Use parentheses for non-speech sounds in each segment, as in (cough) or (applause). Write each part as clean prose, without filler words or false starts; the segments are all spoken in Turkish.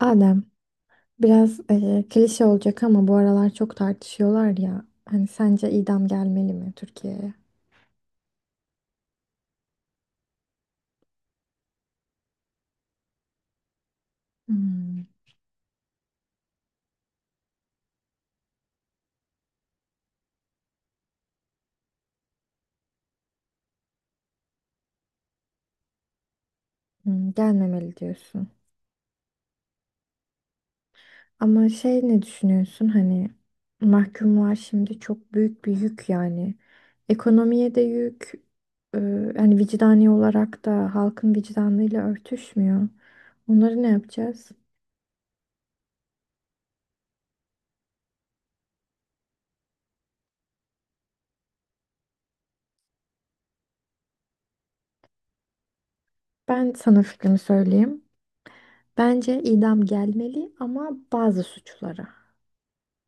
Adem, biraz klişe olacak ama bu aralar çok tartışıyorlar ya. Hani sence idam gelmeli mi Türkiye'ye? Hmm, gelmemeli diyorsun. Ama şey ne düşünüyorsun hani mahkumlar şimdi çok büyük bir yük yani. Ekonomiye de yük, e, hani vicdani olarak da halkın vicdanıyla örtüşmüyor. Onları ne yapacağız? Ben sana fikrimi söyleyeyim. Bence idam gelmeli ama bazı suçlara.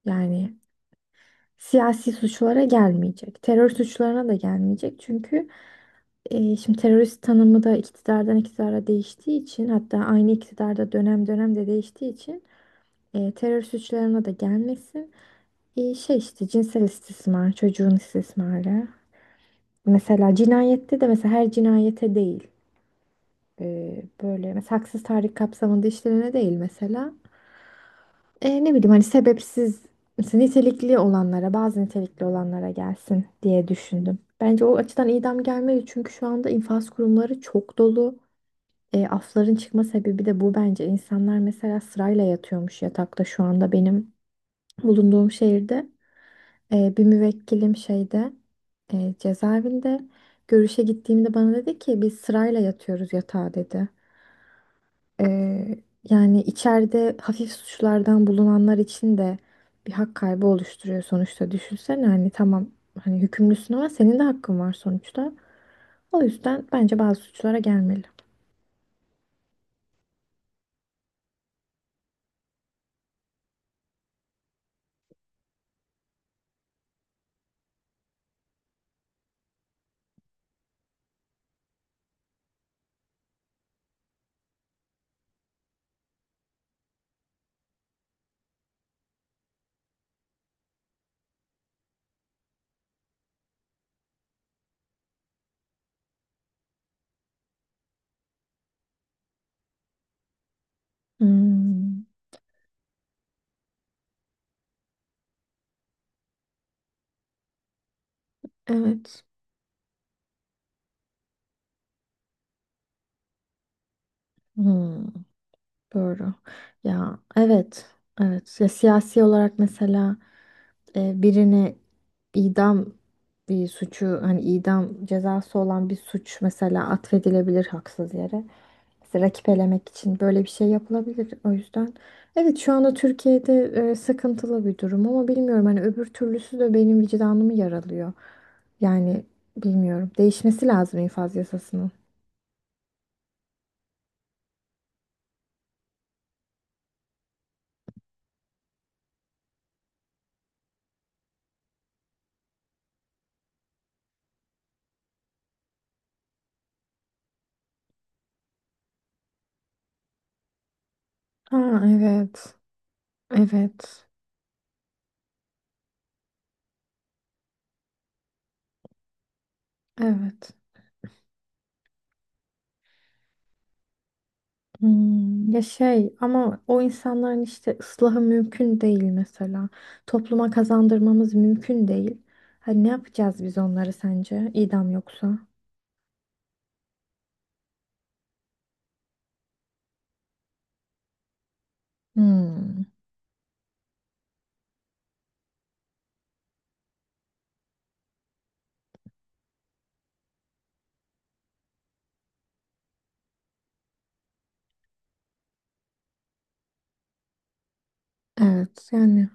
Yani siyasi suçlara gelmeyecek. Terör suçlarına da gelmeyecek. Çünkü şimdi terörist tanımı da iktidardan iktidara değiştiği için, hatta aynı iktidarda dönem dönem de değiştiği için terör suçlarına da gelmesin. Şey işte cinsel istismar, çocuğun istismarı. Mesela cinayette de mesela her cinayete değil. Böyle mesela haksız tahrik kapsamında işlerine değil mesela. Ne bileyim hani sebepsiz, mesela nitelikli olanlara, bazı nitelikli olanlara gelsin diye düşündüm. Bence o açıdan idam gelmedi çünkü şu anda infaz kurumları çok dolu. Afların çıkma sebebi de bu bence. İnsanlar mesela sırayla yatıyormuş yatakta, şu anda benim bulunduğum şehirde. Bir müvekkilim şeyde, cezaevinde görüşe gittiğimde bana dedi ki biz sırayla yatıyoruz yatağa dedi. Ee, yani içeride hafif suçlardan bulunanlar için de bir hak kaybı oluşturuyor sonuçta. Düşünsene, hani tamam hani hükümlüsün ama senin de hakkın var sonuçta. O yüzden bence bazı suçlara gelmeli. Hmm, evet. Hmm. Doğru. Ya, evet. Evet. Ya, siyasi olarak mesela birini idam, bir suçu, hani idam cezası olan bir suç mesela atfedilebilir haksız yere. Mesela rakip elemek için böyle bir şey yapılabilir. O yüzden evet, şu anda Türkiye'de sıkıntılı bir durum ama bilmiyorum, hani öbür türlüsü de benim vicdanımı yaralıyor. Yani bilmiyorum. Değişmesi lazım infaz yasasının. Ha, evet. Evet. Evet. Hmm, ya şey ama o insanların işte ıslahı mümkün değil mesela. Topluma kazandırmamız mümkün değil. Hani ne yapacağız biz onları sence? İdam yoksa? Hmm, evet yani,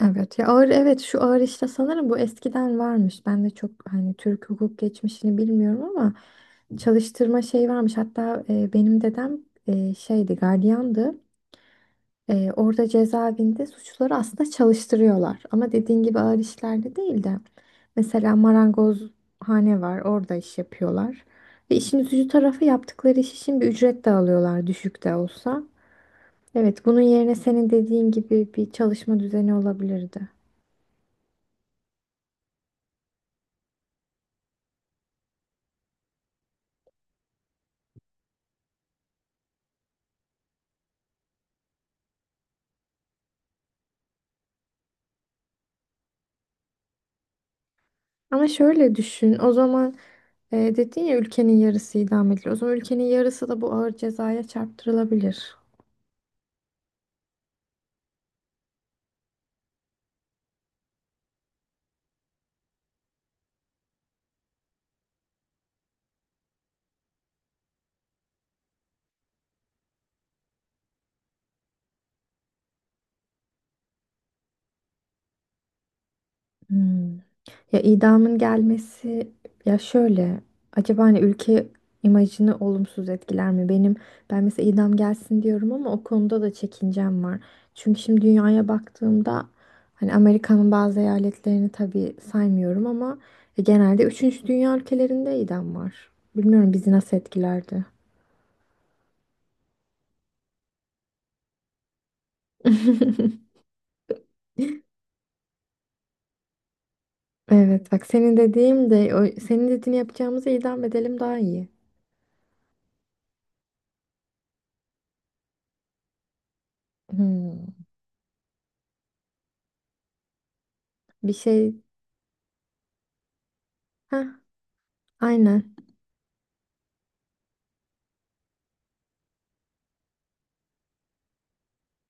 evet ya ağır, evet şu ağır işte sanırım bu eskiden varmış. Ben de çok hani Türk hukuk geçmişini bilmiyorum ama çalıştırma şey varmış. Hatta benim dedem şeydi, gardiyandı. Orada cezaevinde suçluları aslında çalıştırıyorlar. Ama dediğin gibi ağır işlerde değil de. Mesela marangozhane var. Orada iş yapıyorlar. Ve işin üzücü tarafı, yaptıkları iş için bir ücret de alıyorlar, düşük de olsa. Evet, bunun yerine senin dediğin gibi bir çalışma düzeni olabilirdi. Ama şöyle düşün, o zaman dedin ya ülkenin yarısı idam ediliyor. O zaman ülkenin yarısı da bu ağır cezaya çarptırılabilir. Hmm. Ya idamın gelmesi, ya şöyle, acaba hani ülke imajını olumsuz etkiler mi? Benim, ben mesela idam gelsin diyorum ama o konuda da çekincem var. Çünkü şimdi dünyaya baktığımda, hani Amerika'nın bazı eyaletlerini tabii saymıyorum ama genelde üçüncü dünya ülkelerinde idam var. Bilmiyorum bizi nasıl etkilerdi. (laughs) Evet bak, senin dediğim de o, senin dediğini yapacağımıza idam edelim daha iyi. Hmm. Bir şey, ha, aynen.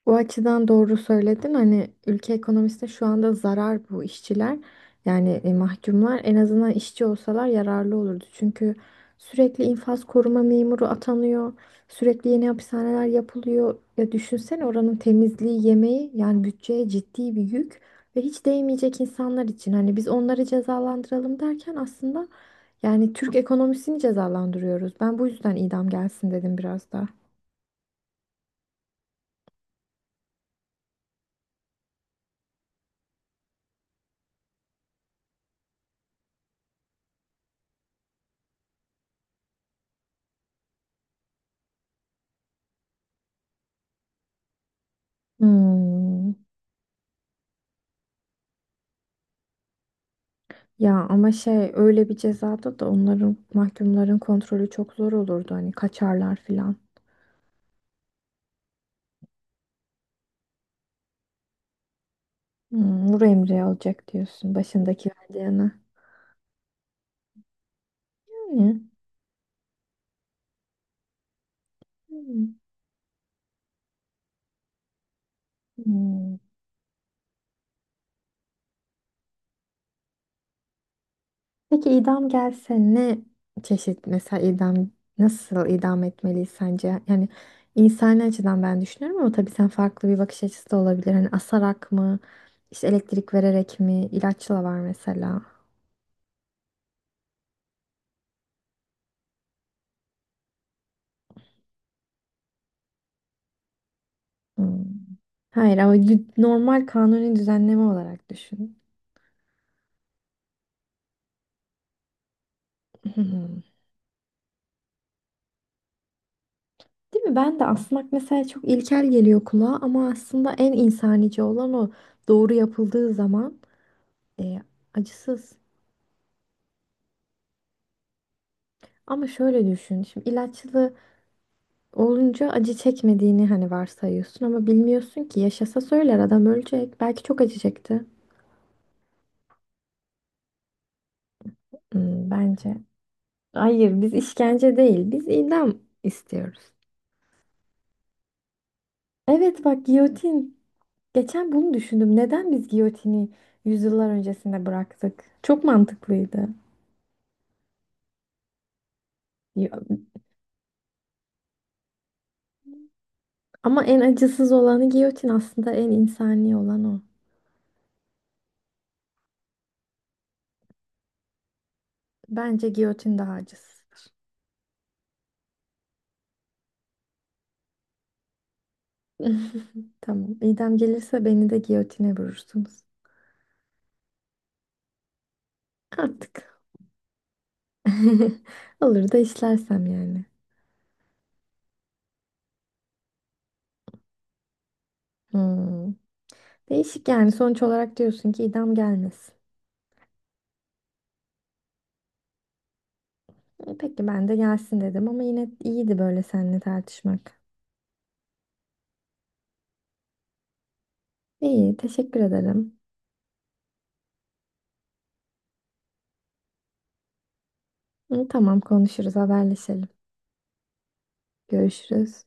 Bu açıdan doğru söyledin. Hani ülke ekonomisinde şu anda zarar bu işçiler. Yani mahkumlar en azından işçi olsalar yararlı olurdu. Çünkü sürekli infaz koruma memuru atanıyor. Sürekli yeni hapishaneler yapılıyor. Ya düşünsene, oranın temizliği, yemeği, yani bütçeye ciddi bir yük, ve hiç değmeyecek insanlar için. Hani biz onları cezalandıralım derken aslında yani Türk ekonomisini cezalandırıyoruz. Ben bu yüzden idam gelsin dedim biraz da. Hmm. Ya ama şey, öyle bir cezada da onların, mahkumların kontrolü çok zor olurdu. Hani kaçarlar filan. Vur emri alacak diyorsun başındaki verdiyene. Yani. Hmm, hmm. Peki idam gelse ne çeşit mesela idam, nasıl idam etmeliyiz sence? Yani insani açıdan ben düşünüyorum ama tabii sen farklı bir bakış açısı da olabilir. Hani asarak mı? İşte elektrik vererek mi? İlaçla var mesela. Hmm. Hayır ama normal kanuni düzenleme olarak düşün. (laughs) Hmm. Değil mi? Ben de asmak mesela çok ilkel geliyor kulağa ama aslında en insanice olan o, doğru yapıldığı zaman e, acısız. Ama şöyle düşün. Şimdi ilaçlı olunca acı çekmediğini hani varsayıyorsun ama bilmiyorsun ki, yaşasa söyler, adam ölecek. Belki çok acı çekti. Hmm, bence. Hayır, biz işkence değil, biz idam istiyoruz. Evet bak, giyotin. Geçen bunu düşündüm. Neden biz giyotini yüzyıllar öncesinde bıraktık? Çok mantıklıydı. Ya- Ama en acısız olanı giyotin, aslında en insani olan o. Bence giyotin daha acısız. (laughs) Tamam. İdam gelirse beni de giyotine vurursunuz. Artık. (laughs) Olur da işlersem yani. Hmm. Değişik yani. Sonuç olarak diyorsun ki idam gelmesin. Peki, ben de gelsin dedim ama yine iyiydi böyle seninle tartışmak. İyi, teşekkür ederim. Hı, tamam konuşuruz, haberleşelim. Görüşürüz.